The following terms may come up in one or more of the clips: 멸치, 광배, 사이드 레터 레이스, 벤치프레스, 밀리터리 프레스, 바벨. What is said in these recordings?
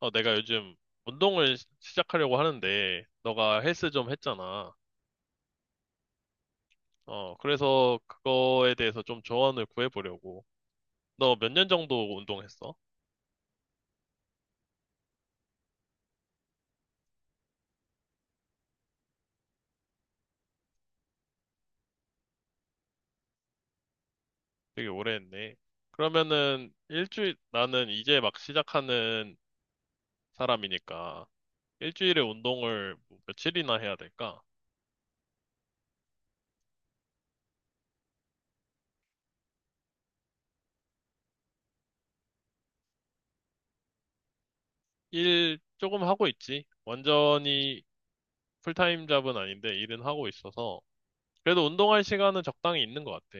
어, 내가 요즘 운동을 시작하려고 하는데, 너가 헬스 좀 했잖아. 어, 그래서 그거에 대해서 좀 조언을 구해보려고. 너 몇 년 정도 운동했어? 되게 오래 했네. 그러면은, 일주일, 나는 이제 막 시작하는 사람이니까, 일주일에 운동을 뭐 며칠이나 해야 될까? 일 조금 하고 있지. 완전히 풀타임 잡은 아닌데, 일은 하고 있어서. 그래도 운동할 시간은 적당히 있는 것 같아.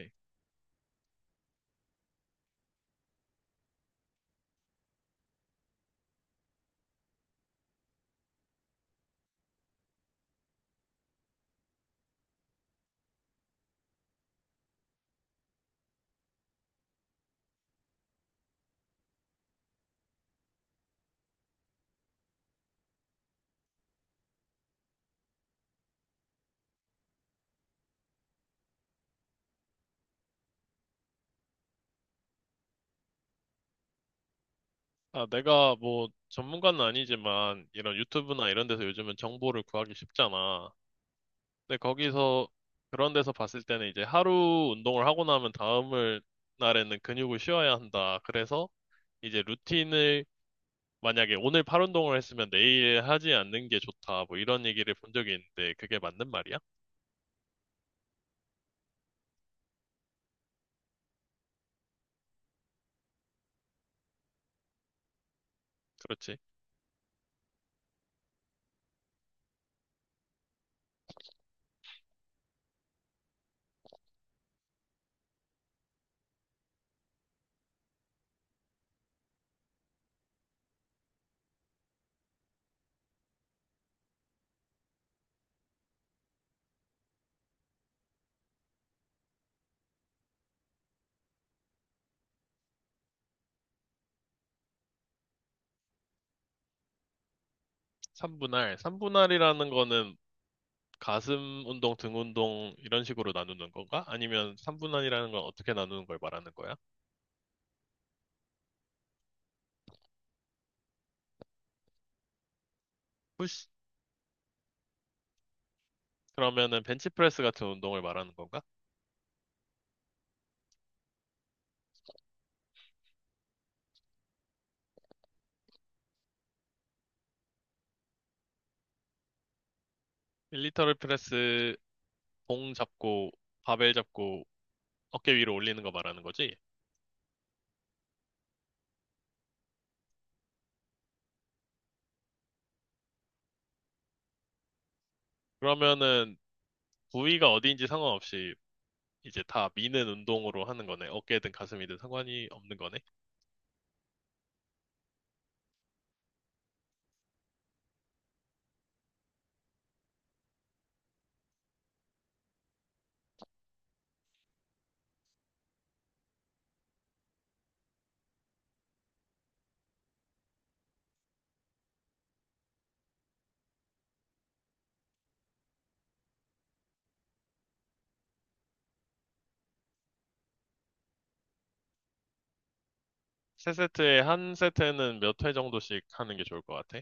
아, 내가 뭐 전문가는 아니지만 이런 유튜브나 이런 데서 요즘은 정보를 구하기 쉽잖아. 근데 거기서 그런 데서 봤을 때는 이제 하루 운동을 하고 나면 다음을 날에는 근육을 쉬어야 한다. 그래서 이제 루틴을 만약에 오늘 팔 운동을 했으면 내일 하지 않는 게 좋다. 뭐 이런 얘기를 본 적이 있는데 그게 맞는 말이야? 그렇지. 삼분할 삼분할이라는 거는 가슴 운동, 등 운동 이런 식으로 나누는 건가? 아니면 삼분할이라는 건 어떻게 나누는 걸 말하는 거야? 그러면은 벤치프레스 같은 운동을 말하는 건가? 밀리터리 프레스 봉 잡고 바벨 잡고 어깨 위로 올리는 거 말하는 거지? 그러면은 부위가 어디인지 상관없이 이제 다 미는 운동으로 하는 거네. 어깨든 가슴이든 상관이 없는 거네. 세 세트에 한 세트는 몇 회 정도씩 하는 게 좋을 것 같아.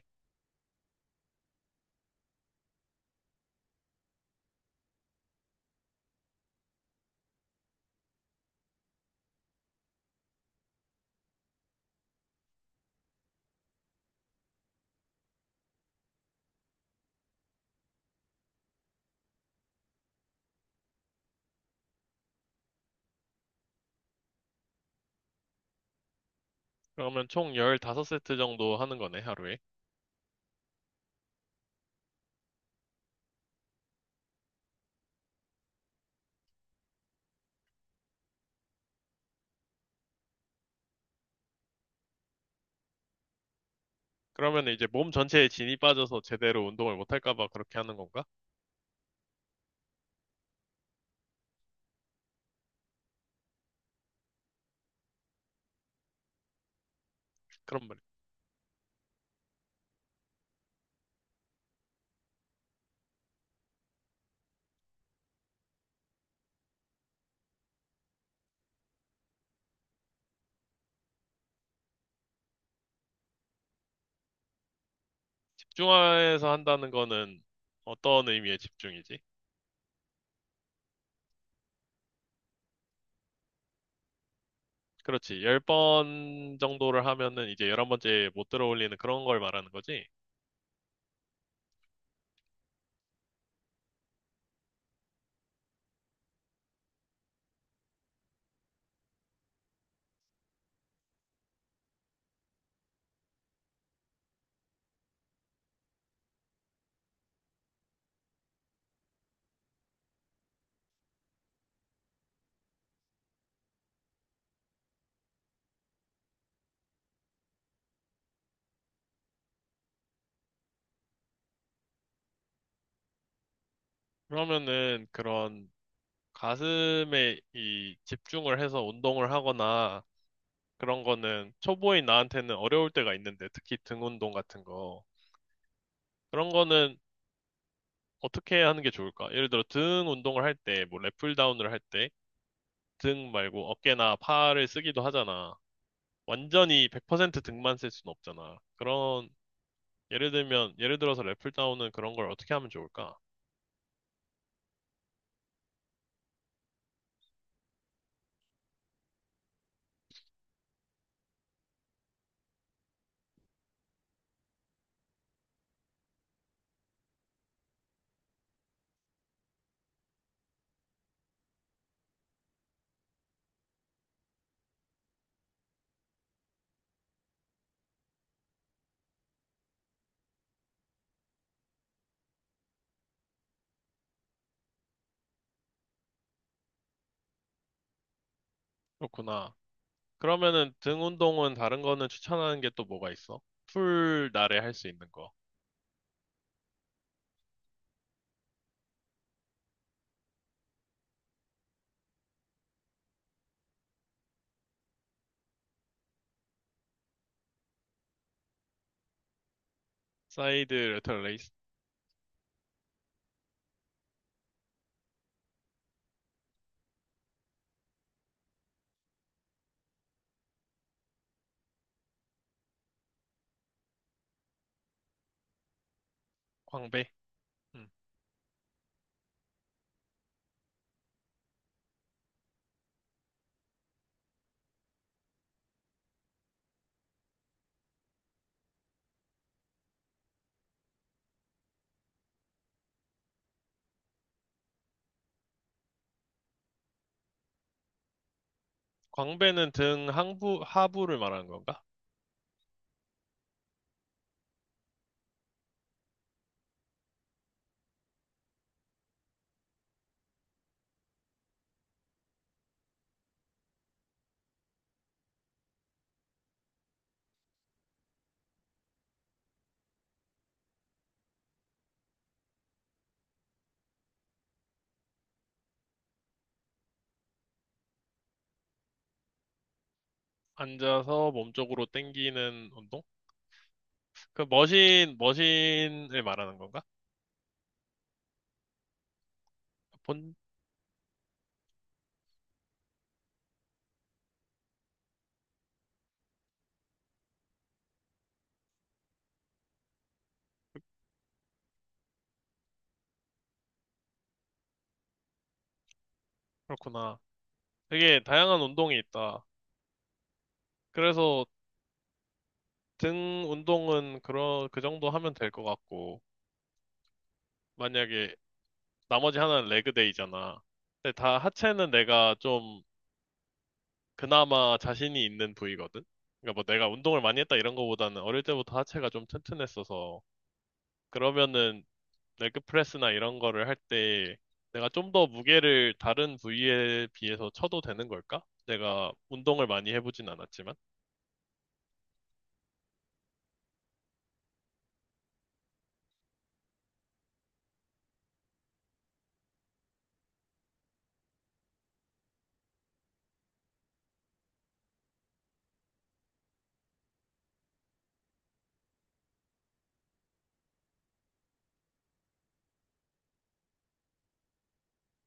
그러면 총 15세트 정도 하는 거네, 하루에. 그러면 이제 몸 전체에 진이 빠져서 제대로 운동을 못 할까 봐 그렇게 하는 건가? 그럼 말이야. 집중해서 한다는 거는 어떤 의미의 집중이지? 그렇지. 10번 정도를 하면은 이제 11번째 못 들어올리는 그런 걸 말하는 거지. 그러면은 그런 가슴에 이 집중을 해서 운동을 하거나 그런 거는 초보인 나한테는 어려울 때가 있는데 특히 등 운동 같은 거. 그런 거는 어떻게 하는 게 좋을까? 예를 들어 등 운동을 할 때, 뭐 랫풀 다운을 할 때 등 말고 어깨나 팔을 쓰기도 하잖아. 완전히 100% 등만 쓸 수는 없잖아. 그런 예를 들면 예를 들어서 랫풀 다운은 그런 걸 어떻게 하면 좋을까? 그렇구나. 그러면은 등 운동은 다른 거는 추천하는 게 또 뭐가 있어? 풀 날에 할 수 있는 거. 사이드 레터 레이스, 광배. 음. 광배는 등 항부, 하부를 말하는 건가? 앉아서 몸 쪽으로 당기는 운동? 그 머신, 머신을 말하는 건가? 본, 그렇구나. 되게 다양한 운동이 있다. 그래서 등 운동은 그런, 그 정도 하면 될 것 같고, 만약에 나머지 하나는 레그데이잖아. 근데 다 하체는 내가 좀 그나마 자신이 있는 부위거든? 그러니까 뭐 내가 운동을 많이 했다 이런 거보다는 어릴 때부터 하체가 좀 튼튼했어서 그러면은 레그프레스나 이런 거를 할 때 내가 좀 더 무게를 다른 부위에 비해서 쳐도 되는 걸까? 내가 운동을 많이 해보진 않았지만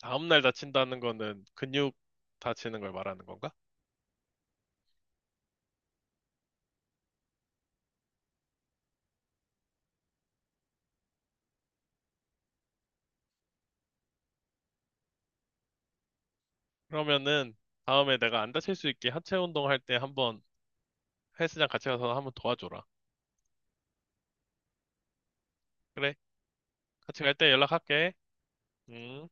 다음날 다친다는 거는 근육 다치는 걸 말하는 건가? 그러면은 다음에 내가 안 다칠 수 있게 하체 운동할 때 한번 헬스장 같이 가서 한번 도와줘라. 그래? 같이 갈 때 연락할게. 음.